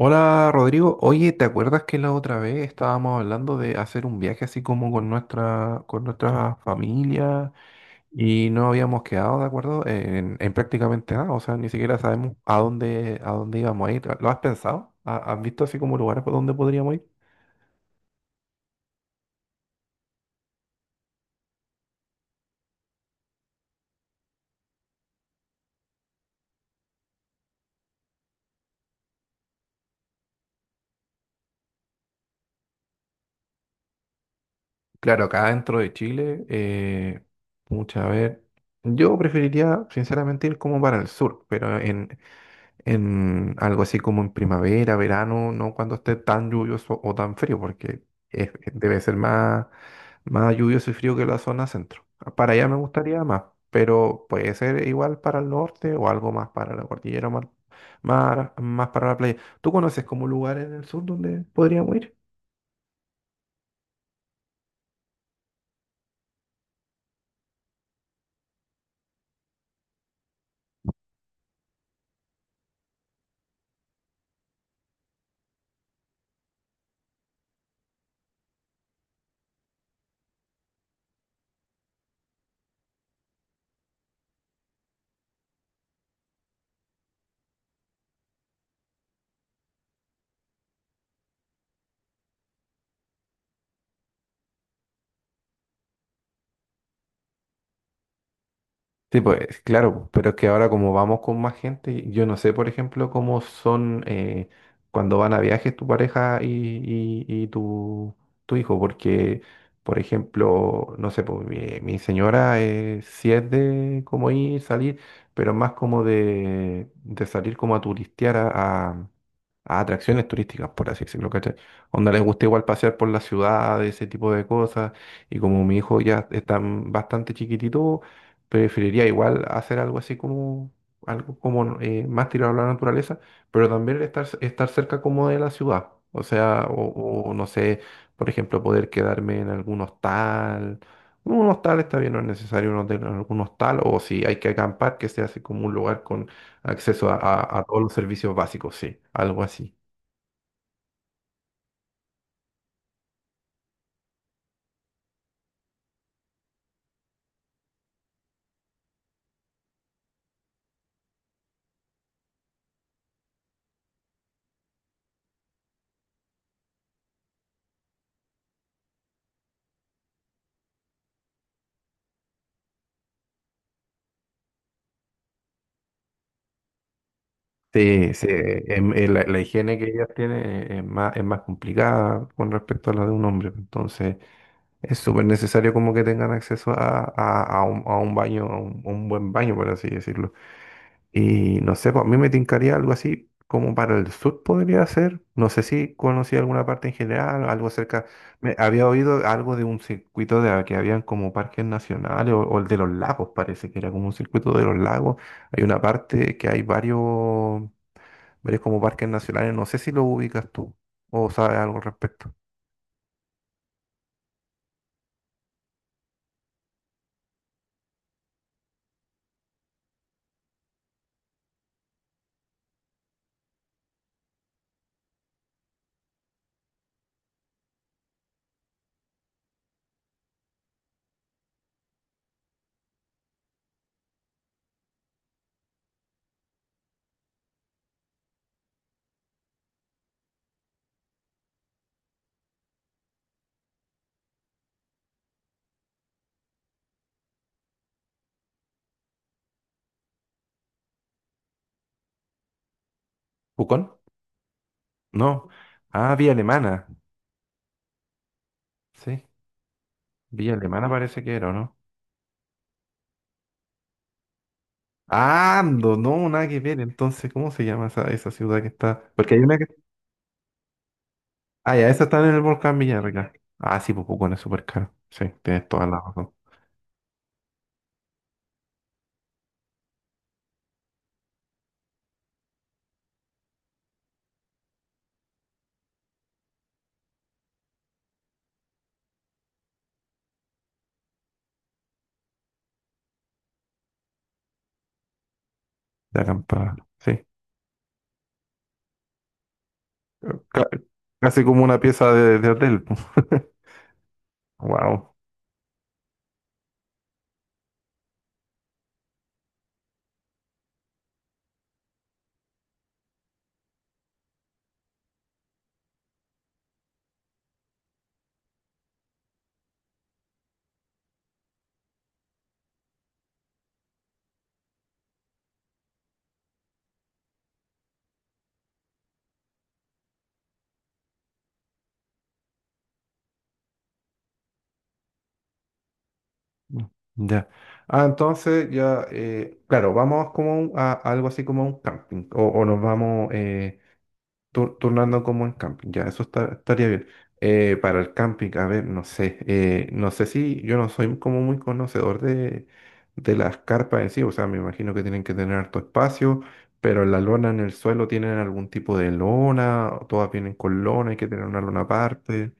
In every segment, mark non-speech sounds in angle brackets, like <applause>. Hola Rodrigo, oye, ¿te acuerdas que la otra vez estábamos hablando de hacer un viaje así como con nuestra familia y no habíamos quedado de acuerdo en prácticamente nada? O sea, ni siquiera sabemos a dónde íbamos a ir. ¿Lo has pensado? ¿Has visto así como lugares por donde podríamos ir? Claro, acá dentro de Chile, mucha ver. Yo preferiría sinceramente ir como para el sur, pero en algo así como en primavera, verano, no cuando esté tan lluvioso o tan frío, porque debe ser más lluvioso y frío que la zona centro. Para allá me gustaría más, pero puede ser igual para el norte o algo más para la cordillera, más para la playa. ¿Tú conoces como lugar en el sur donde podríamos ir? Sí, pues claro, pero es que ahora como vamos con más gente, yo no sé, por ejemplo, cómo son cuando van a viajes tu pareja y tu, tu hijo, porque, por ejemplo, no sé, pues, mi señora, sí es de como ir, salir, pero más como de salir como a turistear a, a- a atracciones turísticas, por así decirlo, ¿cachai? Onda les gusta igual pasear por la ciudad, ese tipo de cosas, y como mi hijo ya está bastante chiquitito, preferiría igual hacer algo así como algo como más tirado a la naturaleza, pero también estar cerca como de la ciudad. O sea, o no sé, por ejemplo, poder quedarme en algún hostal. Un hostal está bien, no es necesario un hotel, algún hostal, o si hay que acampar, que sea así como un lugar con acceso a, a todos los servicios básicos, sí, algo así. Sí, sí, la higiene que ellas tienen es más complicada con respecto a la de un hombre, entonces... Es súper necesario como que tengan acceso a, a un baño, a un buen baño, por así decirlo. Y no sé, pues a mí me tincaría algo así como para el sur podría ser. No sé si conocí alguna parte en general, algo cerca. Me había oído algo de un circuito de, que habían como parques nacionales o el de los lagos, parece que era como un circuito de los lagos. Hay una parte que hay varios como parques nacionales. No sé si lo ubicas tú o sabes algo al respecto. ¿Pucón? No. Ah, Vía Alemana. Sí. Villa Alemana parece que era, ¿o no? Ah, Ando, no, nada que ver. Entonces, ¿cómo se llama esa ciudad que está? Porque hay una que... Ah, ya, esa está en el volcán Villarrica. Ah, sí, pues Pucón es súper caro. Sí, tienes toda la razón. De acampada. Sí. Ca- casi como una pieza de hotel. <laughs> Wow. Ya. Ah, entonces ya, claro, vamos como a, algo así como un camping. O nos vamos, turnando como en camping, ya, estaría bien. Para el camping, a ver, no sé, no sé si yo no soy como muy conocedor de las carpas en sí, o sea, me imagino que tienen que tener harto espacio, pero la lona en el suelo tienen algún tipo de lona, o todas vienen con lona, hay que tener una lona aparte.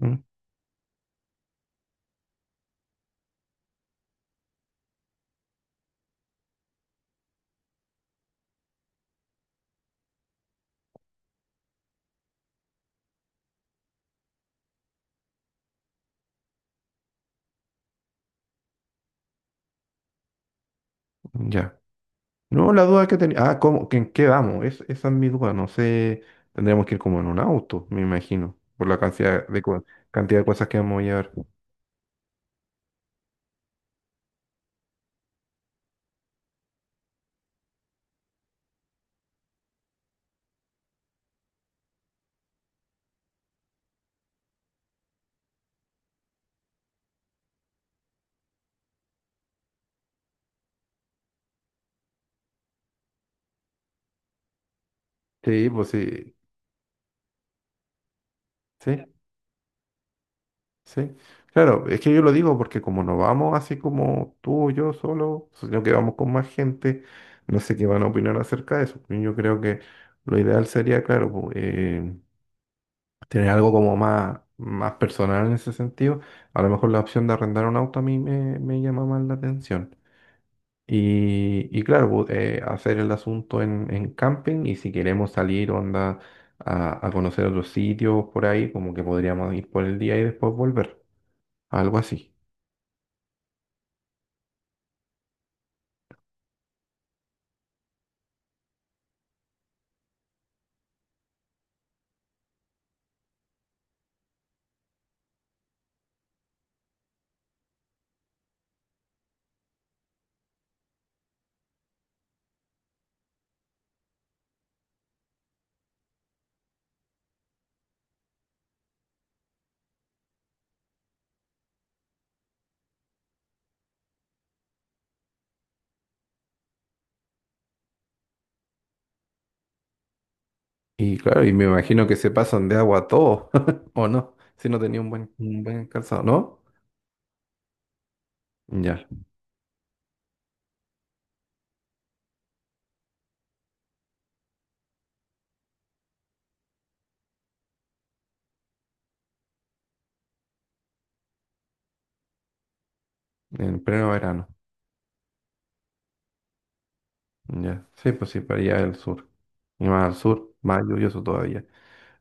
Mm. Ya. No, la duda que tenía, ah, ¿cómo, que en qué vamos? Es, esa es mi duda, no sé, tendríamos que ir como en un auto, me imagino, por la cantidad de, cantidad de cosas que vamos a llevar. Sí, pues sí. Sí, sí. Claro, es que yo lo digo porque como no vamos así como tú o yo solo, sino que vamos con más gente, no sé qué van a opinar acerca de eso. Pues yo creo que lo ideal sería, claro, tener algo como más, más personal en ese sentido. A lo mejor la opción de arrendar un auto a mí me llama más la atención. Y claro, hacer el asunto en camping y si queremos salir, onda, a conocer otros sitios por ahí, como que podríamos ir por el día y después volver. Algo así. Y claro, y me imagino que se pasan de agua a todo, <laughs> ¿o no? Si no tenía un buen calzado, ¿no? Ya, en pleno verano. Ya, sí, pues sí, para allá del sur. Y más al sur, más lluvioso todavía.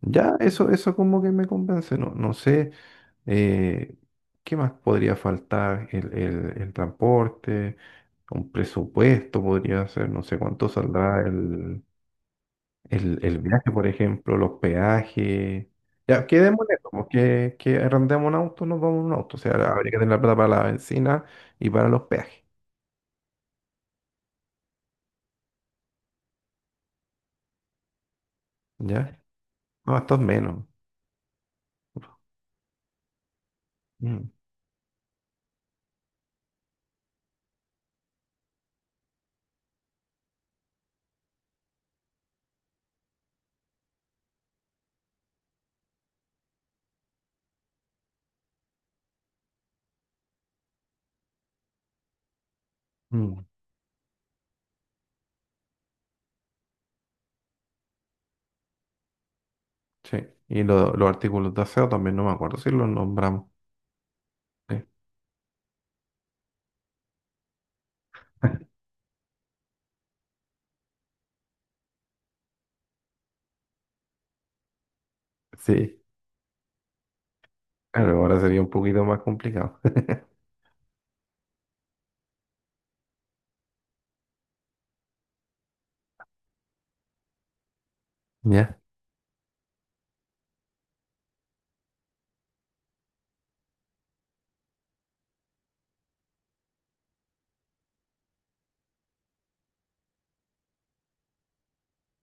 Ya, eso como que me convence, no, no sé, eh, ¿qué más podría faltar? El transporte, un presupuesto podría ser, no sé cuánto saldrá el... el viaje, por ejemplo, los peajes. Ya, quedemos en eso, pues, que arrendemos un auto, nos vamos en un auto. O sea, habría que tener la plata para la benzina y para los peajes. ¿Ya? No, esto es menos. Mm, mm, sí. Y los artículos de aseo también no me acuerdo si los nombramos. Sí. <laughs> Sí. Claro, ahora sería un poquito más complicado. <laughs> Ya.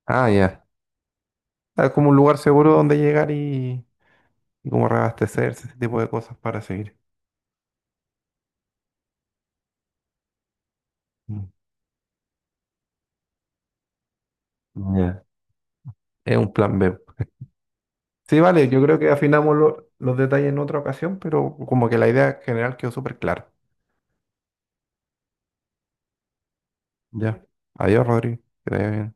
Ah, ya. Ah, como un lugar seguro donde llegar y como reabastecerse, ese tipo de cosas para seguir. Mm. Ya. Es un plan B. Sí, vale, yo creo que afinamos los detalles en otra ocasión, pero como que la idea general quedó súper clara. Ya. Adiós, Rodri. Que te vaya bien.